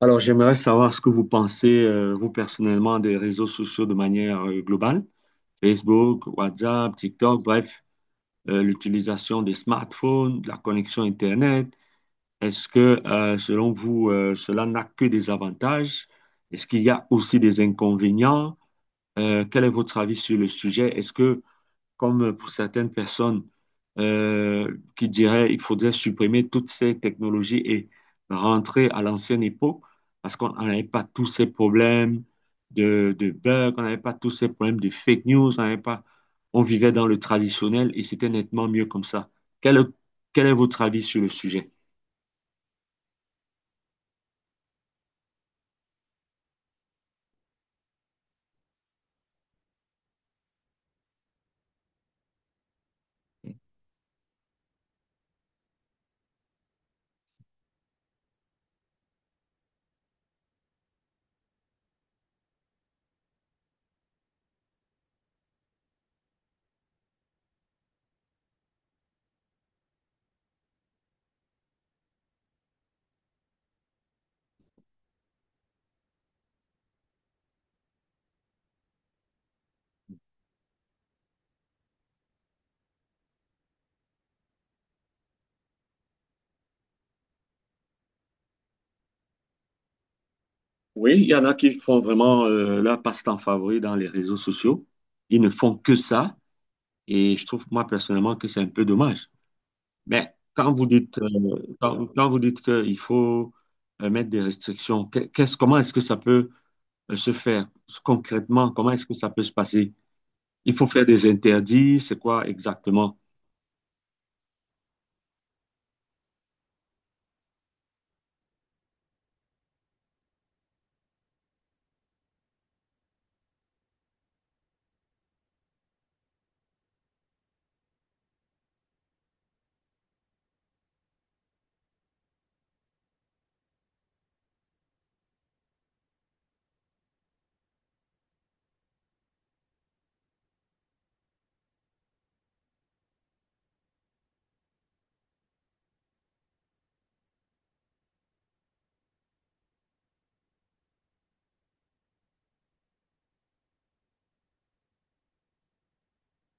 Alors, j'aimerais savoir ce que vous pensez, vous personnellement, des réseaux sociaux de manière globale. Facebook, WhatsApp, TikTok, bref, l'utilisation des smartphones, de la connexion Internet. Est-ce que, selon vous, cela n'a que des avantages? Est-ce qu'il y a aussi des inconvénients? Quel est votre avis sur le sujet? Est-ce que comme pour certaines personnes qui diraient il faudrait supprimer toutes ces technologies et rentrer à l'ancienne époque parce qu'on on n'avait pas tous ces problèmes de bugs, on n'avait pas tous ces problèmes de fake news, on n'avait pas, on vivait dans le traditionnel et c'était nettement mieux comme ça. Quel, est- quel est votre avis sur le sujet? Oui, il y en a qui font vraiment leur passe-temps favori dans les réseaux sociaux. Ils ne font que ça. Et je trouve, moi, personnellement, que c'est un peu dommage. Mais quand vous dites, quand vous dites qu'il faut mettre des restrictions, qu'est-ce, comment est-ce que ça peut se faire concrètement? Comment est-ce que ça peut se passer? Il faut faire des interdits, c'est quoi exactement?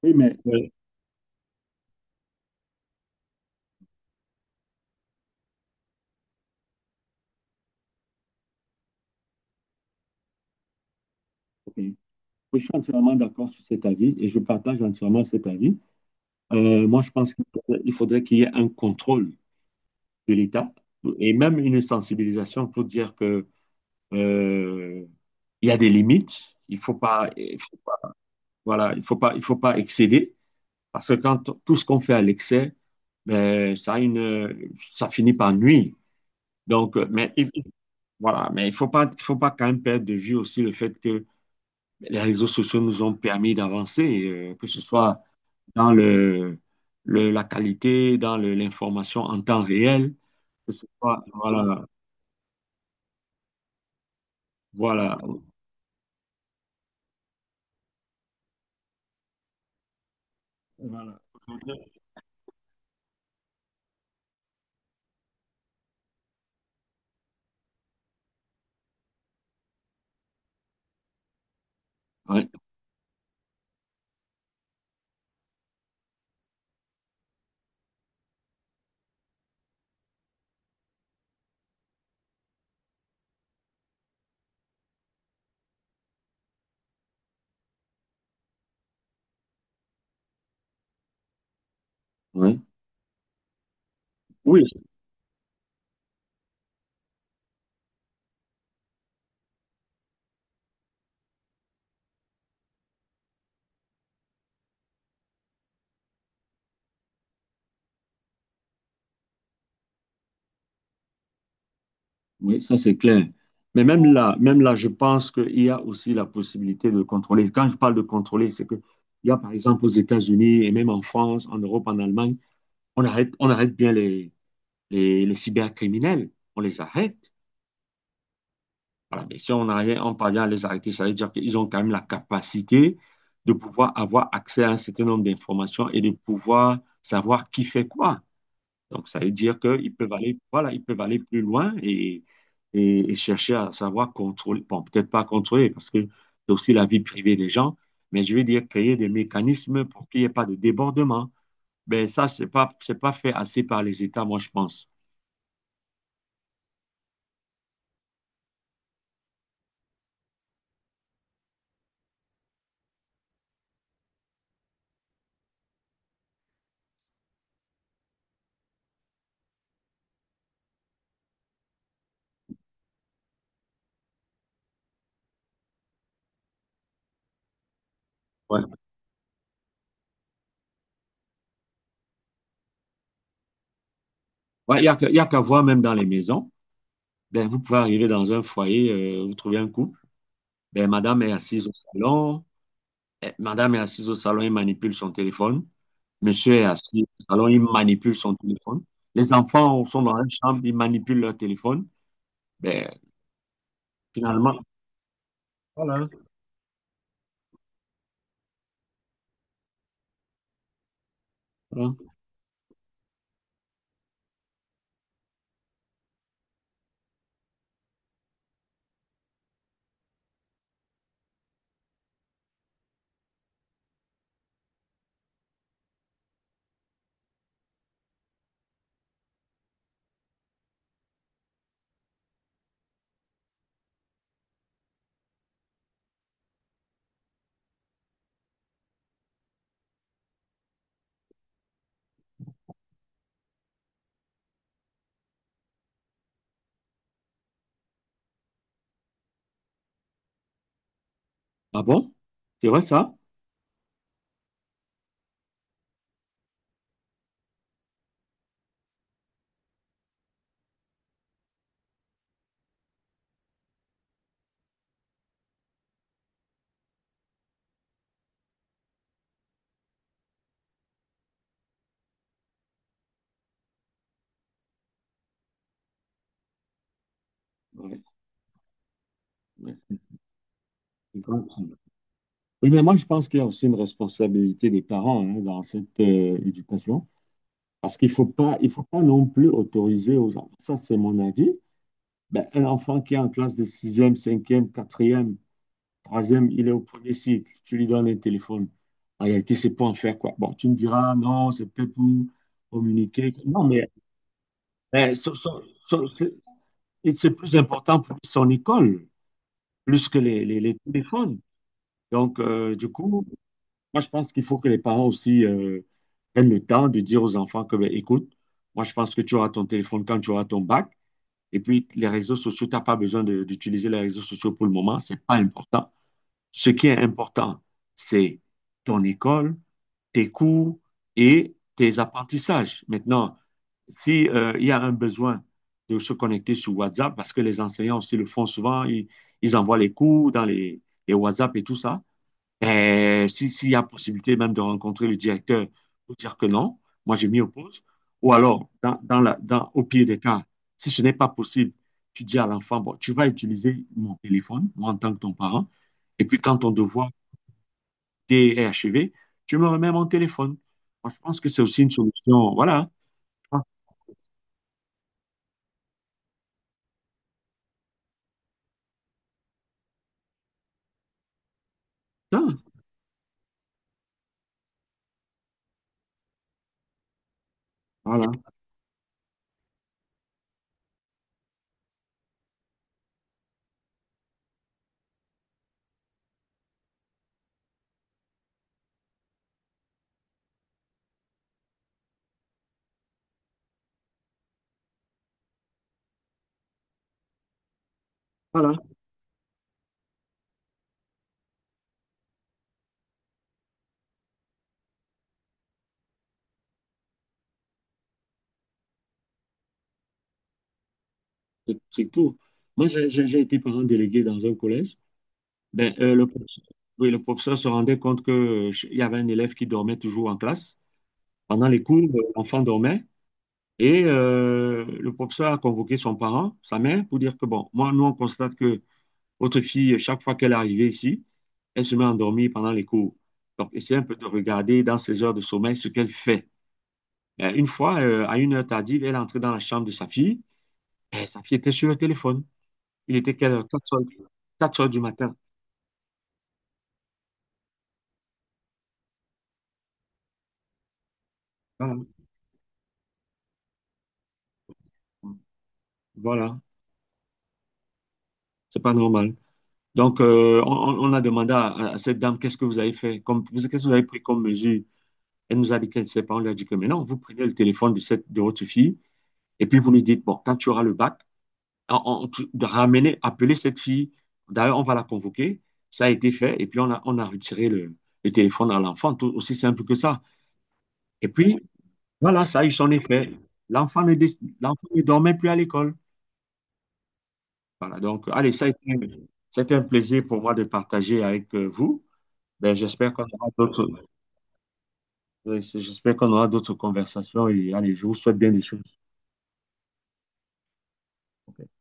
Oui, mais oui, ok. Oui, je suis entièrement d'accord sur cet avis et je partage entièrement cet avis. Moi, je pense qu'il faudrait, il faudrait qu'il y ait un contrôle de l'État et même une sensibilisation pour dire que euh, il y a des limites, il faut pas voilà, il faut pas excéder parce que quand tout ce qu'on fait à l'excès, ben, ça finit par nuire. Donc, mais voilà, mais il faut pas quand même perdre de vue aussi le fait que les réseaux sociaux nous ont permis d'avancer, que ce soit dans la qualité, dans l'information en temps réel, que ce soit, voilà, voilà, voilà. Ouais, ouais. Oui, oui, ça c'est clair. Mais même là, je pense qu'il y a aussi la possibilité de contrôler. Quand je parle de contrôler, c'est que il y a par exemple aux États-Unis et même en France, en Europe, en Allemagne, on arrête bien les cybercriminels. On les arrête. Voilà. Mais si on arrive, on parvient à les arrêter, ça veut dire qu'ils ont quand même la capacité de pouvoir avoir accès à un certain nombre d'informations et de pouvoir savoir qui fait quoi. Donc, ça veut dire qu'ils peuvent aller, voilà, ils peuvent aller plus loin et chercher à savoir contrôler, bon, peut-être pas contrôler parce que c'est aussi la vie privée des gens, mais je veux dire créer des mécanismes pour qu'il n'y ait pas de débordement. Ben, ça, c'est pas fait assez par les États, moi, je pense. Ouais. Ouais, il y a qu'à voir même dans les maisons. Ben, vous pouvez arriver dans un foyer, vous trouvez un couple. Ben, madame est assise au salon. Eh, madame est assise au salon et manipule son téléphone. Monsieur est assis alors il manipule son téléphone. Les enfants sont dans la chambre, ils manipulent leur téléphone. Ben, finalement, voilà. Hein. Ah bon? C'est vrai ça? Ouais, ouais. C'est grand. Oui, mais moi, je pense qu'il y a aussi une responsabilité des parents hein, dans cette éducation, parce qu'il faut pas, il faut pas non plus autoriser aux enfants. Ça, c'est mon avis. Ben, un enfant qui est en classe de sixième, cinquième, quatrième. Troisième, il est au premier cycle. Tu lui donnes un téléphone. En réalité, c'est pour en faire quoi? Bon, tu me diras, non, c'est peut-être pour communiquer. Non, mais c'est et c'est plus important pour lui, son école, plus que les téléphones. Donc, du coup, moi, je pense qu'il faut que les parents aussi prennent le temps de dire aux enfants que, ben, écoute, moi, je pense que tu auras ton téléphone quand tu auras ton bac. Et puis, les réseaux sociaux, tu n'as pas besoin d'utiliser les réseaux sociaux pour le moment, c'est pas important. Ce qui est important, c'est ton école, tes cours et tes apprentissages. Maintenant, si, il y a un besoin de se connecter sur WhatsApp, parce que les enseignants aussi le font souvent, ils envoient les cours dans les WhatsApp et tout ça. Et si, s'il y a possibilité même de rencontrer le directeur pour dire que non, moi je m'y oppose. Ou alors, au pire des cas, si ce n'est pas possible, tu dis à l'enfant, bon, tu vas utiliser mon téléphone, moi en tant que ton parent, et puis quand ton devoir est achevé, tu me remets mon téléphone. Moi, je pense que c'est aussi une solution. Voilà. Ah, putain, voilà, voilà, c'est tout. Moi, j'ai été parent délégué dans un collège. Ben, le professeur, oui, le professeur se rendait compte que, il y avait un élève qui dormait toujours en classe. Pendant les cours, l'enfant dormait et le professeur a convoqué son parent, sa mère, pour dire que, bon, moi, nous, on constate que votre fille, chaque fois qu'elle est arrivée ici, elle se met à endormir pendant les cours. Donc, essayez un peu de regarder dans ses heures de sommeil ce qu'elle fait. Ben, une fois, à une heure tardive, elle est entrée dans la chambre de sa fille et sa fille était sur le téléphone. Il était quelle heure? 4 heures, quatre heures du matin. Voilà. Voilà. C'est pas normal. Donc, on a demandé à cette dame, qu'est-ce que vous avez fait, comme, qu'est-ce que vous avez pris comme mesure? Elle nous a dit qu'elle ne sait pas. On lui a dit que maintenant, vous prenez le téléphone de votre fille et puis vous lui dites, bon, quand tu auras le bac, de ramener, appeler cette fille. D'ailleurs, on va la convoquer. Ça a été fait et puis on a retiré le téléphone à l'enfant, tout aussi simple que ça. Et puis, voilà, ça a eu son effet. L'enfant ne dormait plus à l'école. Voilà, donc, allez, ça a été, c'était un plaisir pour moi de partager avec vous. Ben, j'espère qu'on aura d'autres, oui, j'espère qu'on aura d'autres conversations et allez, je vous souhaite bien des choses. Ok?